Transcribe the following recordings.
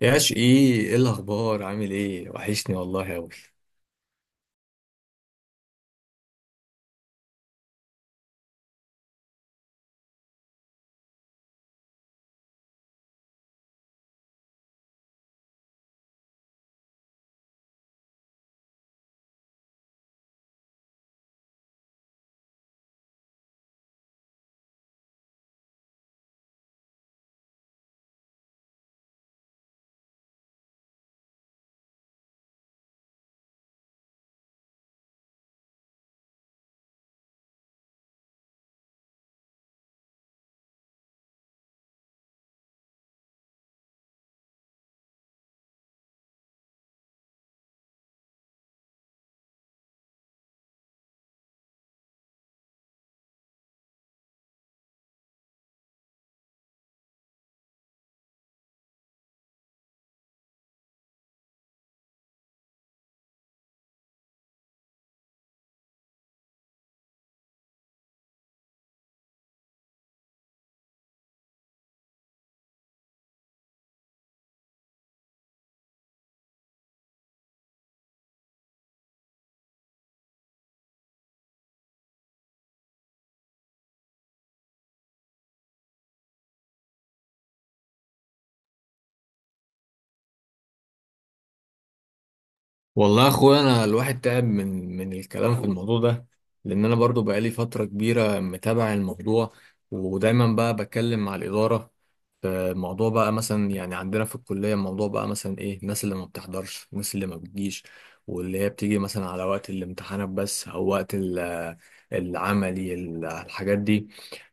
يا شقي، ايه الاخبار؟ عامل ايه؟ وحشني والله اوي. والله يا اخويا انا الواحد تعب من الكلام في الموضوع ده، لان انا برضو بقالي فتره كبيره متابع الموضوع، ودايما بقى بتكلم مع الاداره في موضوع بقى مثلا، يعني عندنا في الكليه الموضوع بقى مثلا ايه؟ الناس اللي ما بتحضرش، الناس اللي ما بتجيش واللي هي بتيجي مثلا على وقت الامتحانات بس، او وقت العملي، الحاجات دي.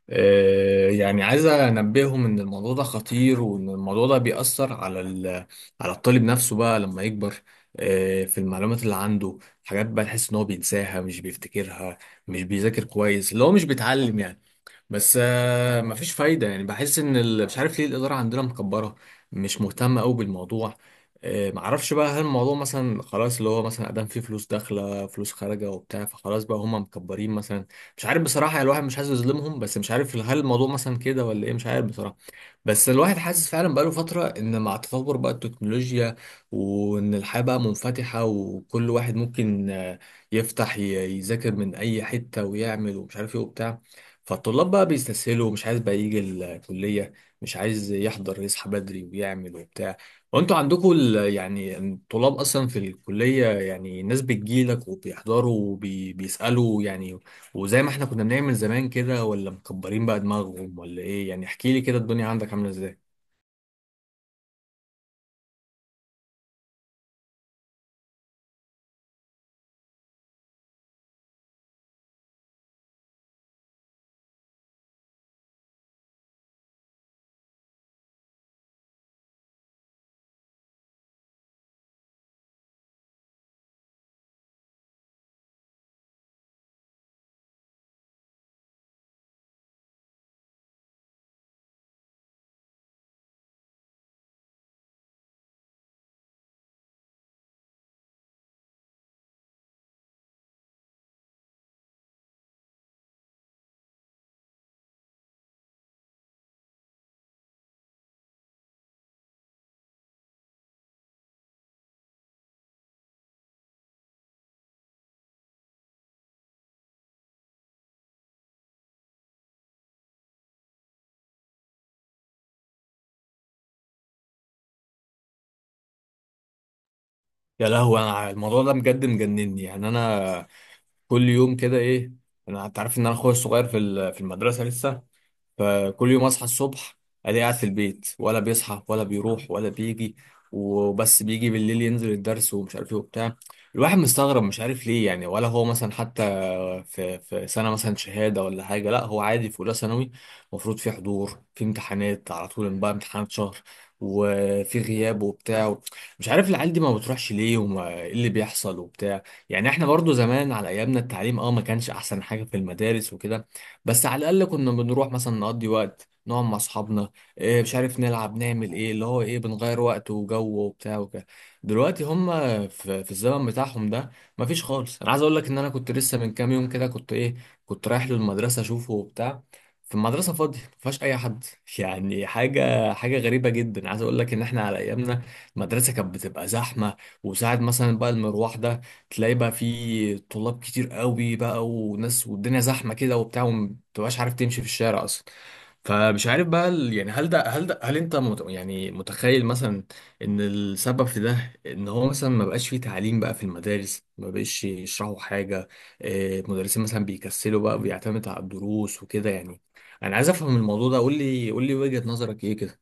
يعني عايز انبههم ان الموضوع ده خطير، وان الموضوع ده بيأثر على على الطالب نفسه بقى لما يكبر، في المعلومات اللي عنده. حاجات بقى تحس ان هو بينساها، مش بيفتكرها، مش بيذاكر كويس، اللي هو مش بيتعلم يعني. بس مفيش فايدة يعني. بحس ان مش عارف ليه الإدارة عندنا مكبرة، مش مهتمة قوي بالموضوع. معرفش بقى هل الموضوع مثلا خلاص اللي هو مثلا ادام في فلوس داخلة فلوس خارجة وبتاع، فخلاص بقى هما مكبرين مثلا. مش عارف بصراحة يعني، الواحد مش عايز يظلمهم، بس مش عارف هل الموضوع مثلا كده ولا ايه. مش عارف بصراحة. بس الواحد حاسس فعلا بقاله فترة ان مع تطور بقى التكنولوجيا، وان الحياة بقى منفتحة، وكل واحد ممكن يفتح ي- يذاكر من اي حتة، ويعمل ومش عارف ايه وبتاع. فالطلاب بقى بيستسهلوا، مش عايز بقى يجي الكلية، مش عايز يحضر، يصحى بدري ويعمل وبتاع. وانتوا عندكم يعني الطلاب اصلا في الكلية، يعني الناس بتجيلك وبيحضروا وبيسألوا يعني، وزي ما احنا كنا بنعمل زمان كده؟ ولا مكبرين بقى دماغهم ولا ايه يعني؟ احكي لي كده الدنيا عندك عاملة ازاي. يا لهوي، انا الموضوع ده بجد مجنني يعني، انا كل يوم كده ايه. انا، انت عارف ان انا اخويا الصغير في في المدرسة لسه، فكل يوم اصحى الصبح الاقيه قاعد في البيت، ولا بيصحى ولا بيروح ولا بيجي، وبس بيجي بالليل ينزل الدرس ومش عارف ايه وبتاع. الواحد مستغرب، مش عارف ليه يعني. ولا هو مثلا حتى في سنة مثلا شهادة ولا حاجة، لا هو عادي في أولى ثانوي. المفروض في حضور، في امتحانات على طول بقى، امتحانات شهر، وفي غياب وبتاع. مش عارف العيال دي ما بتروحش ليه، وما ايه اللي بيحصل وبتاع. يعني احنا برضو زمان على ايامنا التعليم، اه، ما كانش احسن حاجة في المدارس وكده، بس على الاقل كنا بنروح مثلا نقضي وقت، نقعد مع اصحابنا إيه، مش عارف، نلعب، نعمل ايه، اللي هو ايه، بنغير وقت وجو وبتاع وكده. دلوقتي هم في الزمن بتاعهم ده مفيش خالص. انا عايز اقول لك ان انا كنت لسه من كام يوم كده كنت ايه، كنت رايح له المدرسه اشوفه وبتاع، في المدرسه فاضيه مفيهاش اي حد يعني. حاجه حاجه غريبه جدا. عايز اقول لك ان احنا على ايامنا المدرسه كانت بتبقى زحمه، وساعه مثلا بقى المروح ده تلاقي بقى في طلاب كتير قوي بقى، وناس والدنيا زحمه كده وبتاع، ومتبقاش عارف تمشي في الشارع اصلا. فمش عارف بقى يعني هل انت مت يعني، متخيل مثلا ان السبب في ده ان هو مثلا ما بقاش فيه تعليم بقى في المدارس، ما بقاش يشرحوا حاجة. المدرسين مثلا بيكسلوا بقى، بيعتمدوا على الدروس وكده يعني. انا عايز افهم الموضوع ده، قول لي قول لي وجهة نظرك ايه كده.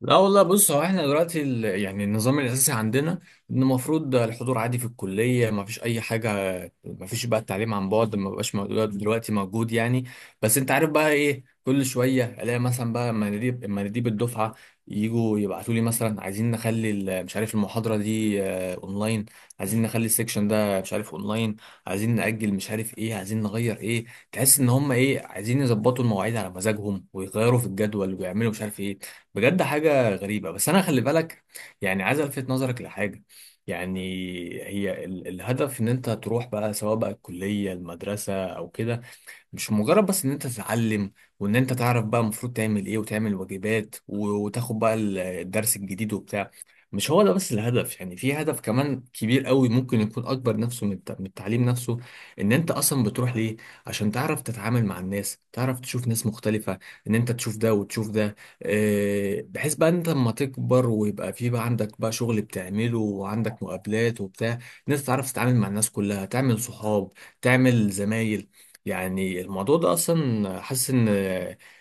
لا والله، بص، هو احنا دلوقتي يعني النظام الاساسي عندنا ان المفروض الحضور عادي في الكلية، ما فيش اي حاجة، ما فيش بقى التعليم عن بعد، ما بقاش موجود دلوقتي موجود يعني. بس انت عارف بقى ايه؟ كل شويه الاقي مثلا بقى مناديب مناديب الدفعه يجوا يبعتوا لي مثلا عايزين نخلي مش عارف المحاضره دي اونلاين، عايزين نخلي السكشن ده مش عارف اونلاين، عايزين ناجل مش عارف ايه، عايزين نغير ايه. تحس ان هم ايه، عايزين يظبطوا المواعيد على مزاجهم، ويغيروا في الجدول، ويعملوا مش عارف ايه. بجد حاجه غريبه. بس انا خلي بالك، يعني عايز الفت نظرك لحاجه يعني. هي الهدف ان انت تروح بقى سواء بقى الكلية المدرسة او كده، مش مجرد بس ان انت تتعلم وان انت تعرف بقى المفروض تعمل ايه، وتعمل واجبات وتاخد بقى الدرس الجديد وبتاع. مش هو ده بس الهدف يعني، في هدف كمان كبير قوي ممكن يكون اكبر نفسه من من التعليم نفسه، ان انت اصلا بتروح ليه عشان تعرف تتعامل مع الناس، تعرف تشوف ناس مختلفة، ان انت تشوف ده وتشوف ده، بحيث بقى انت لما تكبر ويبقى في بقى عندك بقى شغل بتعمله، وعندك مقابلات وبتاع، ان انت تعرف تتعامل مع الناس كلها، تعمل صحاب، تعمل زمايل. يعني الموضوع ده اصلا حاسس ان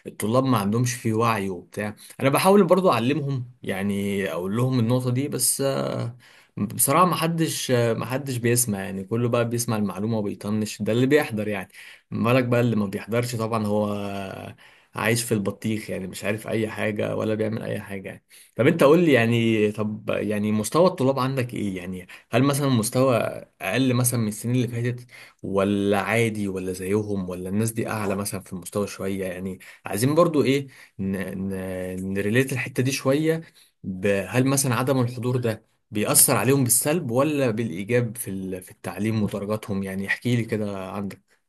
الطلاب ما عندهمش فيه وعي وبتاع. انا بحاول برضو اعلمهم يعني، اقول لهم النقطة دي، بس بصراحة ما حدش بيسمع يعني. كله بقى بيسمع المعلومة وبيطنش، ده اللي بيحضر يعني. ما بالك بقى اللي ما بيحضرش؟ طبعا هو عايش في البطيخ يعني، مش عارف اي حاجة، ولا بيعمل اي حاجة يعني. طب انت قول لي يعني، طب يعني مستوى الطلاب عندك ايه يعني؟ هل مثلا مستوى اقل مثلا من السنين اللي فاتت؟ ولا عادي ولا زيهم، ولا الناس دي اعلى مثلا في المستوى شويه يعني. عايزين برضو ايه، ن... نريليت الحته دي شويه. هل مثلا عدم الحضور ده بيأثر عليهم بالسلب ولا بالإيجاب في في التعليم ودرجاتهم؟ يعني احكي لي كده عندك.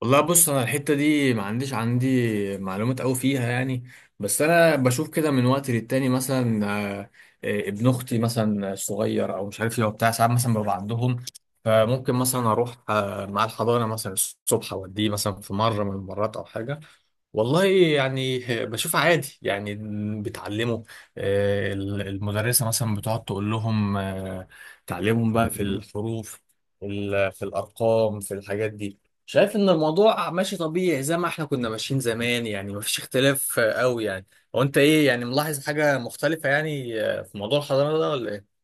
والله، بص، انا الحته دي ما عنديش عندي معلومات قوي فيها يعني، بس انا بشوف كده من وقت للتاني مثلا. آه، ابن اختي مثلا صغير او مش عارف ايه وبتاع، ساعات مثلا ببقى عندهم، فممكن مثلا اروح مع الحضانه مثلا الصبح، اوديه مثلا في مره من المرات او حاجه. والله يعني، بشوف عادي يعني، بتعلمه. المدرسة مثلا بتقعد تقول لهم تعلمهم بقى في الحروف، في في الأرقام، في الحاجات دي. شايف إن الموضوع ماشي طبيعي زي ما احنا كنا ماشيين زمان يعني، مفيش اختلاف قوي يعني. هو أنت إيه يعني، ملاحظ حاجة مختلفة يعني في موضوع الحضانة ده ولا إيه؟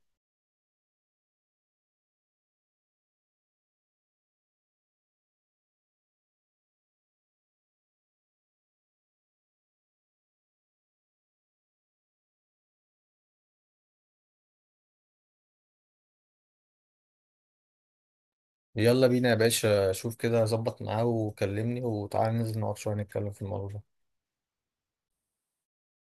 يلا بينا يا باشا، شوف كده ظبط معاه وكلمني، وتعالى ننزل نقعد شوية نتكلم في الموضوع ده.